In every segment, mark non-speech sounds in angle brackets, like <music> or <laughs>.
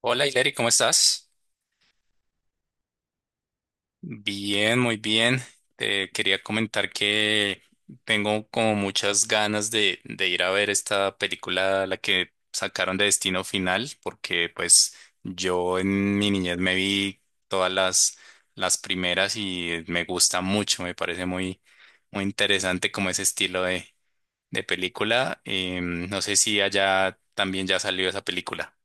Hola, Hilary, ¿cómo estás? Bien, muy bien. Te quería comentar que tengo como muchas ganas de ir a ver esta película, la que sacaron de Destino Final, porque pues yo en mi niñez me vi todas las primeras y me gusta mucho, me parece muy, muy interesante como ese estilo de película. No sé si allá también ya salió esa película.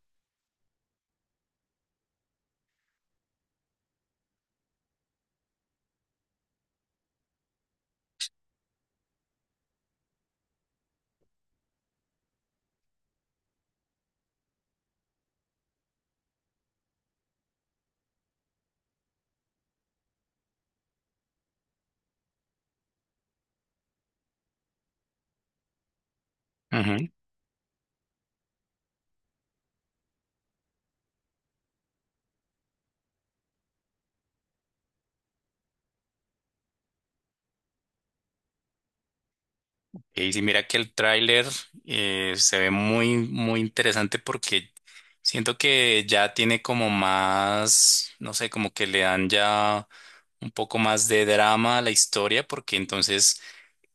Y sí, mira que el tráiler se ve muy, muy interesante porque siento que ya tiene como más, no sé, como que le dan ya un poco más de drama a la historia, porque entonces,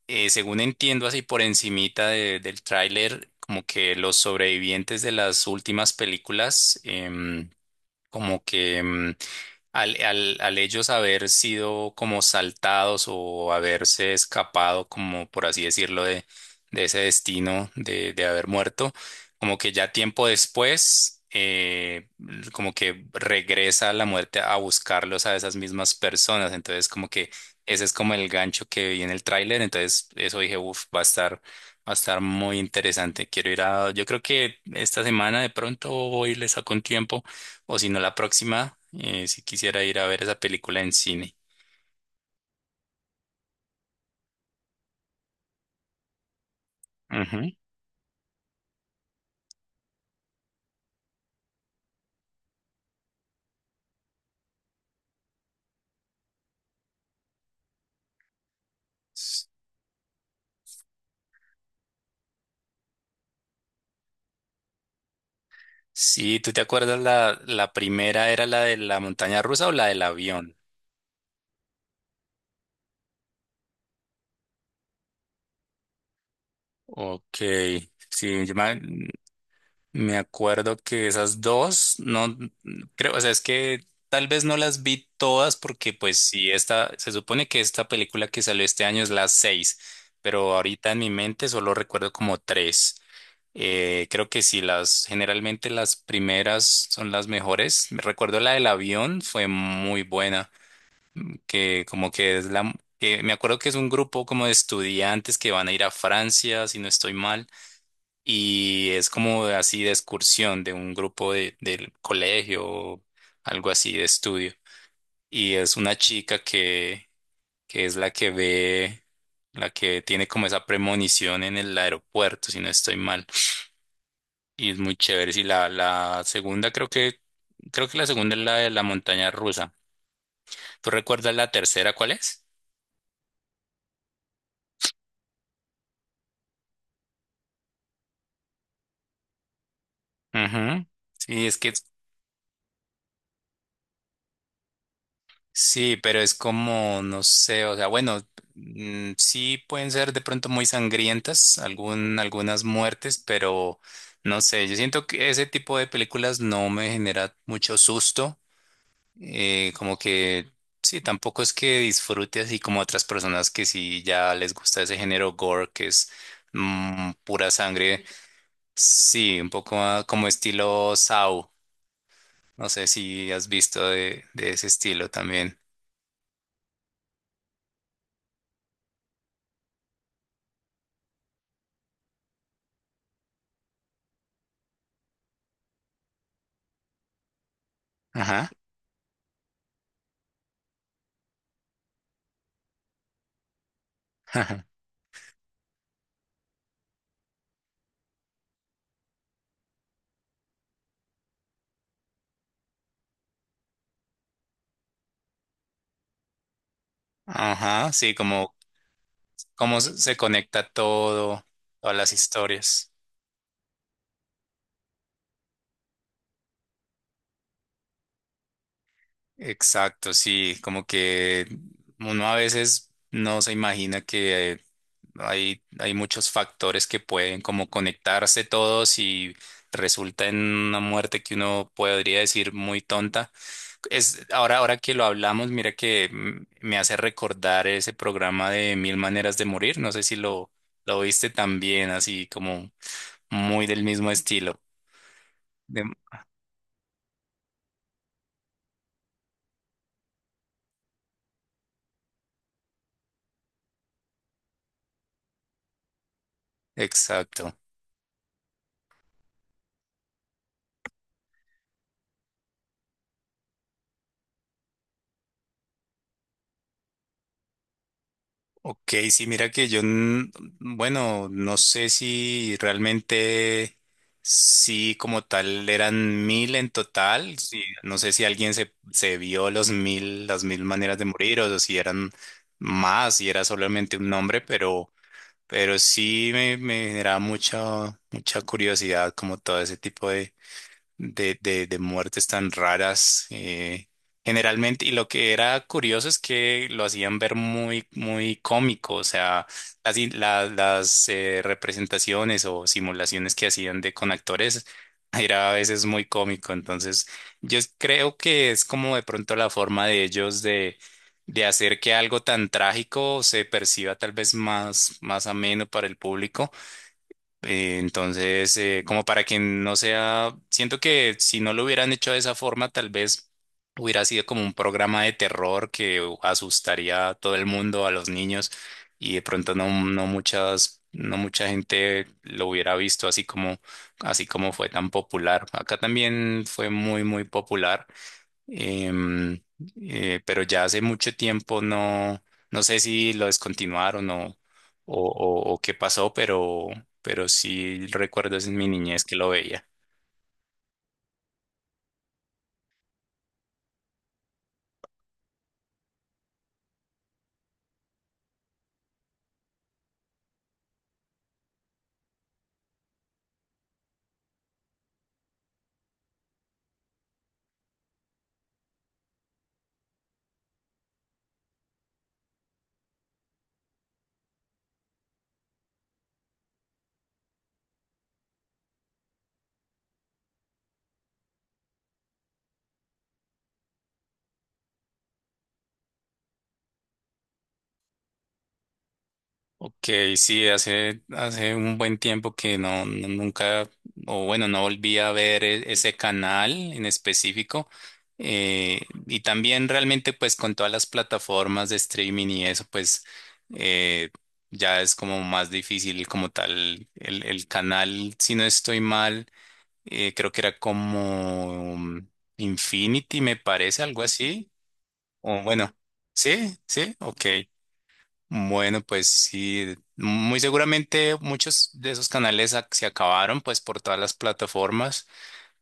según entiendo así por encimita del tráiler, como que los sobrevivientes de las últimas películas, como que al ellos haber sido como saltados o haberse escapado, como por así decirlo, de ese destino de haber muerto, como que ya tiempo después, como que regresa la muerte a buscarlos a esas mismas personas. Entonces, como que ese es como el gancho que vi en el tráiler. Entonces, eso dije, uff, va a estar muy interesante. Quiero ir a, yo creo que esta semana de pronto voy y le saco un tiempo o si no, la próxima, si quisiera ir a ver esa película en cine. Ujú. Sí, ¿tú te acuerdas la primera era la de la montaña rusa o la del avión? Ok, sí, Me acuerdo que esas dos, no creo, o sea, es que tal vez no las vi todas porque pues sí, se supone que esta película que salió este año es la seis, pero ahorita en mi mente solo recuerdo como tres. Creo que sí, generalmente las primeras son las mejores. Recuerdo la del avión, fue muy buena, que como que es que me acuerdo que es un grupo como de estudiantes que van a ir a Francia, si no estoy mal y es como así de excursión de un grupo del colegio o algo así de estudio. Y es una chica que es la que ve, la que tiene como esa premonición en el aeropuerto, si no estoy mal. Y es muy chévere. Y la segunda creo que la segunda es la de la montaña rusa. ¿Tú recuerdas la tercera cuál es? Ujú. Sí, es que Sí, pero es como, no sé, o sea, bueno, sí pueden ser de pronto muy sangrientas, algunas muertes, pero no sé, yo siento que ese tipo de películas no me genera mucho susto, como que sí, tampoco es que disfrute así como otras personas que sí ya les gusta ese género gore, que es pura sangre, sí, un poco como estilo Saw, no sé si has visto de ese estilo también. Ajá. <laughs> Ajá, sí, como cómo se conecta todas las historias. Exacto, sí, como que uno a veces no se imagina que hay muchos factores que pueden como conectarse todos y resulta en una muerte que uno podría decir muy tonta. Ahora que lo hablamos, mira que me hace recordar ese programa de Mil Maneras de Morir. No sé si lo viste también, así como muy del mismo estilo. De- exacto. Ok, sí, mira que bueno, no sé si realmente, sí, como tal, eran 1000 en total, sí, no sé si alguien se vio las mil maneras de morir o si eran más, si era solamente un nombre, pero sí me generaba mucha, mucha curiosidad como todo ese tipo de muertes tan raras. Generalmente, y lo que era curioso es que lo hacían ver muy, muy cómico, o sea, las representaciones o simulaciones que hacían de con actores <laughs> era a veces muy cómico. Entonces, yo creo que es como de pronto la forma de ellos de hacer que algo tan trágico se perciba tal vez más, más ameno para el público. Entonces, como para que no sea, siento que si no lo hubieran hecho de esa forma, tal vez hubiera sido como un programa de terror que asustaría a todo el mundo, a los niños, y de pronto no mucha gente lo hubiera visto así como fue tan popular. Acá también fue muy, muy popular. Em, pero ya hace mucho tiempo no sé si lo descontinuaron o qué pasó, pero sí recuerdo es en mi niñez que lo veía. Ok, sí, hace un buen tiempo que nunca, o bueno, no volví a ver ese canal en específico. Eh, y también realmente pues con todas las plataformas de streaming y eso, pues eh, ya es como más difícil como tal el canal, si no estoy mal, creo que era como Infinity, me parece, algo así. O bueno, sí, sí, ok. Bueno, pues sí, muy seguramente muchos de esos canales se acabaron pues por todas las plataformas,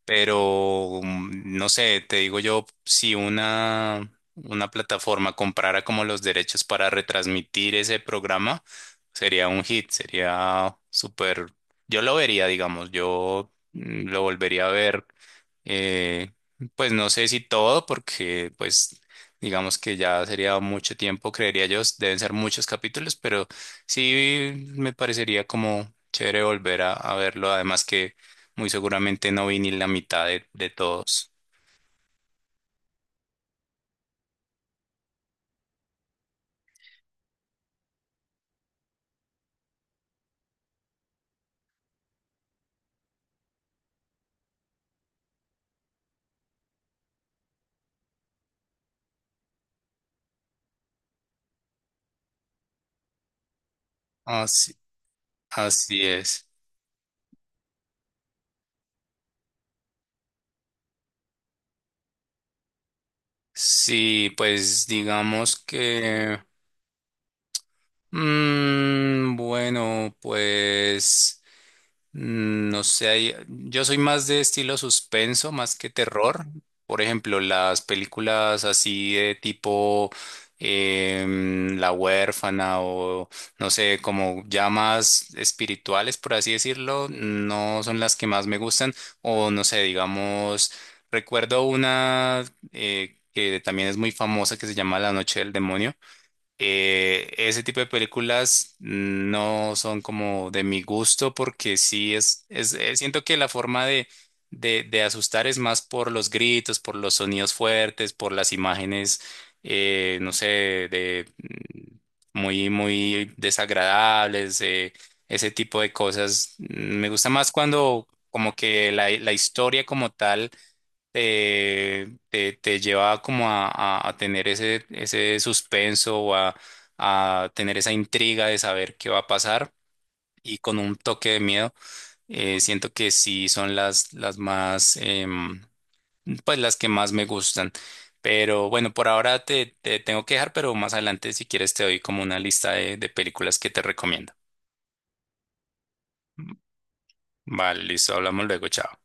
pero no sé, te digo yo, si una plataforma comprara como los derechos para retransmitir ese programa, sería un hit, sería súper, yo lo vería, digamos, yo lo volvería a ver eh, pues no sé si todo, porque pues digamos que ya sería mucho tiempo, creería yo, deben ser muchos capítulos, pero sí me parecería como chévere volver a verlo, además que muy seguramente no vi ni la mitad de todos. Así, así es. Sí, pues digamos que bueno, pues no sé, yo soy más de estilo suspenso, más que terror. Por ejemplo, las películas así de tipo La huérfana o no sé, como ya más espirituales, por así decirlo, no son las que más me gustan. O no sé, digamos, recuerdo una que también es muy famosa que se llama La noche del demonio, ese tipo de películas no son como de mi gusto porque sí siento que la forma de asustar es más por los gritos, por los sonidos fuertes, por las imágenes, no sé, de muy, muy desagradables, ese tipo de cosas. Me gusta más cuando como que la historia como tal te lleva como a tener ese suspenso o a tener esa intriga de saber qué va a pasar y con un toque de miedo. Siento que sí son las más, pues las que más me gustan. Pero bueno, por ahora te tengo que dejar, pero más adelante si quieres te doy como una lista de películas que te recomiendo. Vale, listo, hablamos luego, chao.